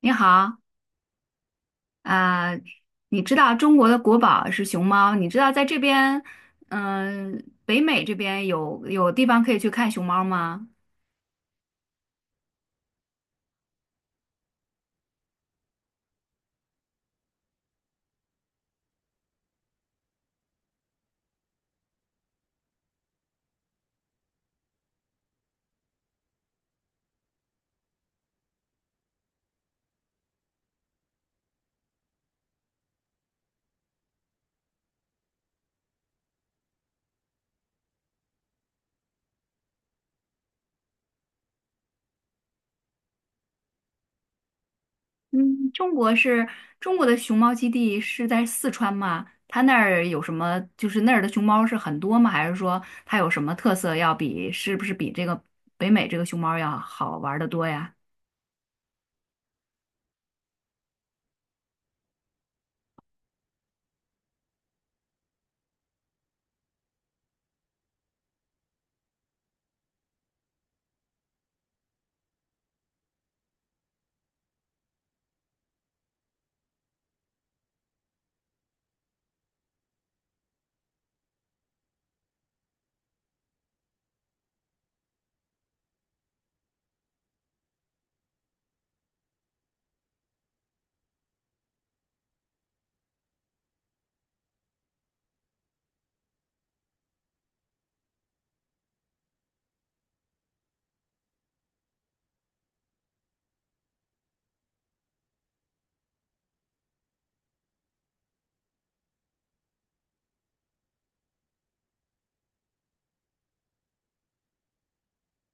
你好。啊、你知道中国的国宝是熊猫？你知道在这边，北美这边有地方可以去看熊猫吗？嗯，中国是中国的熊猫基地是在四川吗？它那儿有什么？就是那儿的熊猫是很多吗？还是说它有什么特色要比是不是比这个北美这个熊猫要好玩的多呀？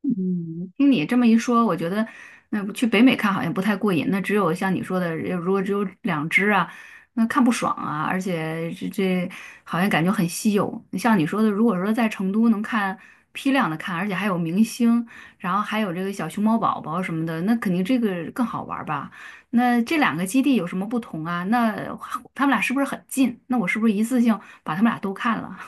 嗯，听你这么一说，我觉得那不去北美看好像不太过瘾。那只有像你说的，如果只有两只啊，那看不爽啊，而且这好像感觉很稀有。像你说的，如果说在成都能看批量的看，而且还有明星，然后还有这个小熊猫宝宝什么的，那肯定这个更好玩儿吧？那这两个基地有什么不同啊？那他们俩是不是很近？那我是不是一次性把他们俩都看了？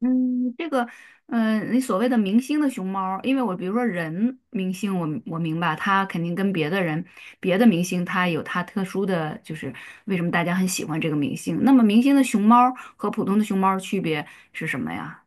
嗯，这个，你所谓的明星的熊猫因为我比如说人明星我明白他肯定跟别的人、别的明星，他有他特殊的，就是为什么大家很喜欢这个明星。那么明星的熊猫和普通的熊猫的区别是什么呀？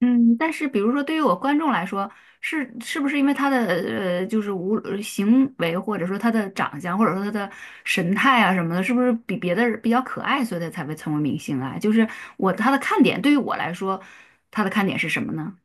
嗯，但是比如说，对于我观众来说，是不是因为他的就是无呃行为，或者说他的长相，或者说他的神态啊什么的，是不是比别的人比较可爱，所以他才会成为明星啊？就是我他的看点，对于我来说，他的看点是什么呢？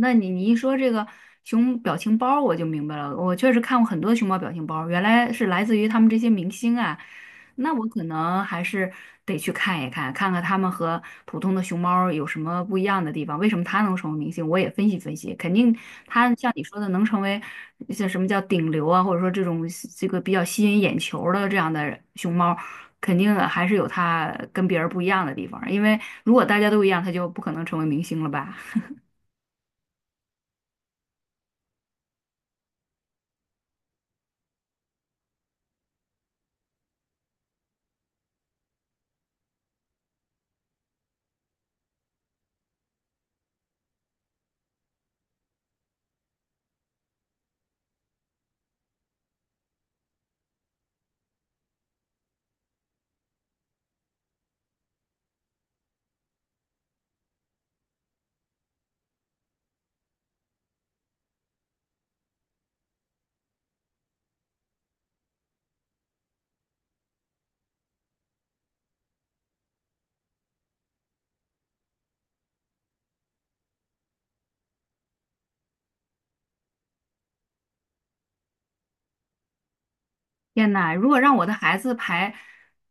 那你你一说这个熊表情包儿我就明白了。我确实看过很多熊猫表情包儿原来是来自于他们这些明星啊。那我可能还是得去看一看，看看他们和普通的熊猫儿有什么不一样的地方，为什么它能成为明星？我也分析分析，肯定它像你说的能成为像什么叫顶流啊，或者说这种这个比较吸引眼球儿的这样的熊猫儿肯定还是有它跟别人不一样的地方儿因为如果大家都一样，它就不可能成为明星了吧。天呐，如果让我的孩子排，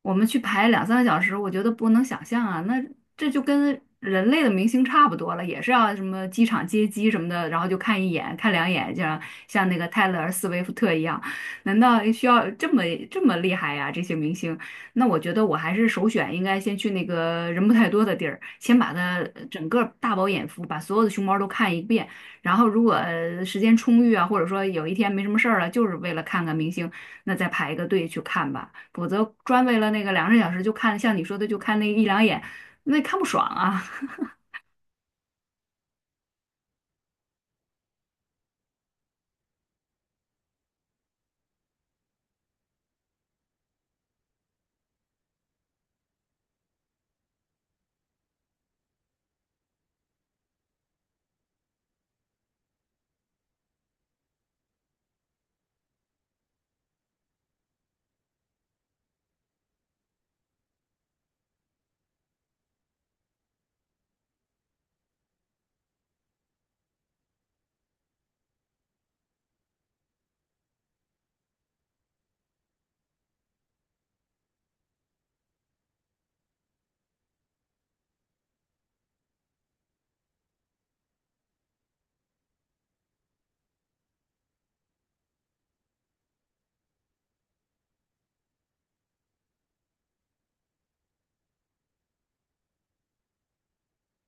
我们去排两三个小时，我觉得不能想象啊。那这就跟人类的明星差不多了，也是要什么机场接机什么的，然后就看一眼、看两眼，就像像那个泰勒·斯威夫特一样。难道需要这么厉害呀、这些明星，那我觉得我还是首选应该先去那个人不太多的地儿，先把它整个大饱眼福，把所有的熊猫都看一遍。然后如果时间充裕啊，或者说有一天没什么事儿了，就是为了看看明星，那再排一个队去看吧。否则专为了那个两个小时就看，像你说的就看那一两眼，那看不爽啊。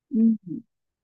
嗯，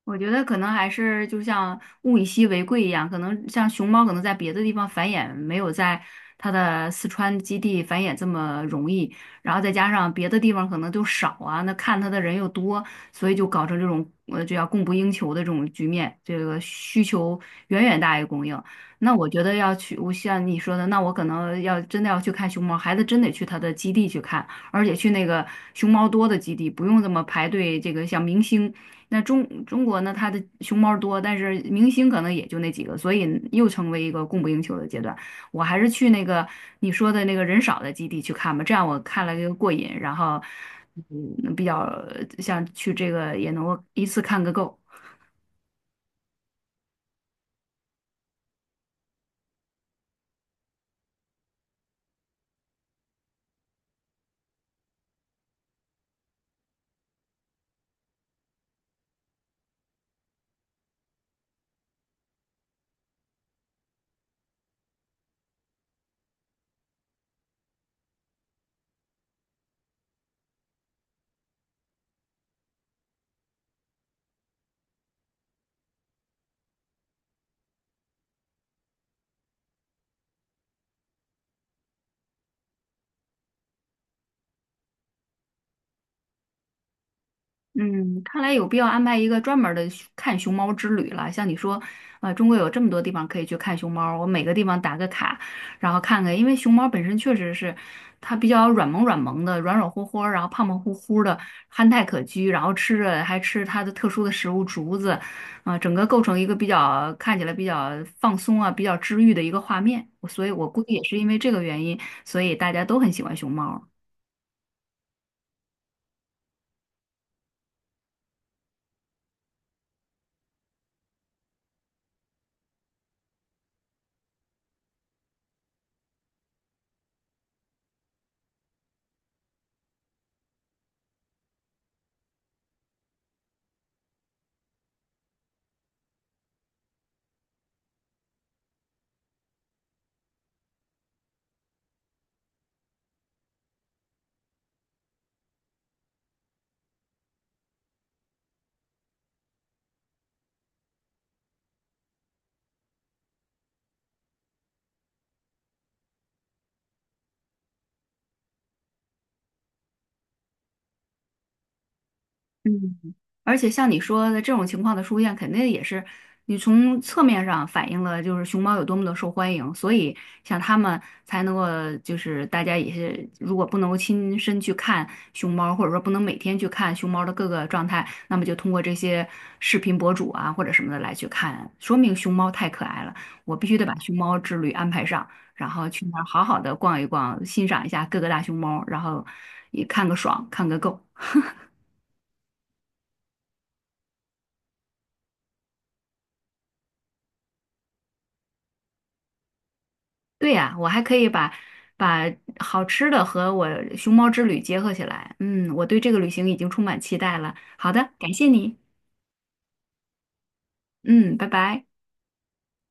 我觉得可能还是就像物以稀为贵一样，可能像熊猫可能在别的地方繁衍没有在它的四川基地繁衍这么容易，然后再加上别的地方可能就少啊，那看它的人又多，所以就搞成这种这叫供不应求的这种局面，这个需求远远大于供应。那我觉得要去，我像你说的，那我可能要真的要去看熊猫，孩子真得去它的基地去看，而且去那个熊猫多的基地，不用这么排队，这个像明星。那中国呢，它的熊猫多，但是明星可能也就那几个，所以又成为一个供不应求的阶段。我还是去那个你说的那个人少的基地去看吧，这样我看了这个过瘾，然后比较像去这个也能够一次看个够。嗯，看来有必要安排一个专门儿的熊看熊猫之旅了。像你说，中国有这么多地方可以去看熊猫，我每个地方打个卡，然后看看。因为熊猫本身确实是它比较软萌软萌的，软软乎乎儿然后胖胖乎乎的，憨态可掬，然后吃着还吃它的特殊的食物竹子，整个构成一个比较看起来比较放松啊，比较治愈的一个画面。所以我估计也是因为这个原因，所以大家都很喜欢熊猫。嗯，而且像你说的这种情况的出现，肯定也是你从侧面上反映了就是熊猫有多么的受欢迎，所以像他们才能够就是大家也是如果不能够亲身去看熊猫，或者说不能每天去看熊猫的各个状态，那么就通过这些视频博主啊或者什么的来去看，说明熊猫太可爱了，我必须得把熊猫之旅安排上，然后去那儿好好的逛一逛，欣赏一下各个大熊猫，然后也看个爽，看个够。对呀，我还可以把把好吃的和我熊猫之旅结合起来。嗯，我对这个旅行已经充满期待了。好的，感谢你。嗯，拜拜。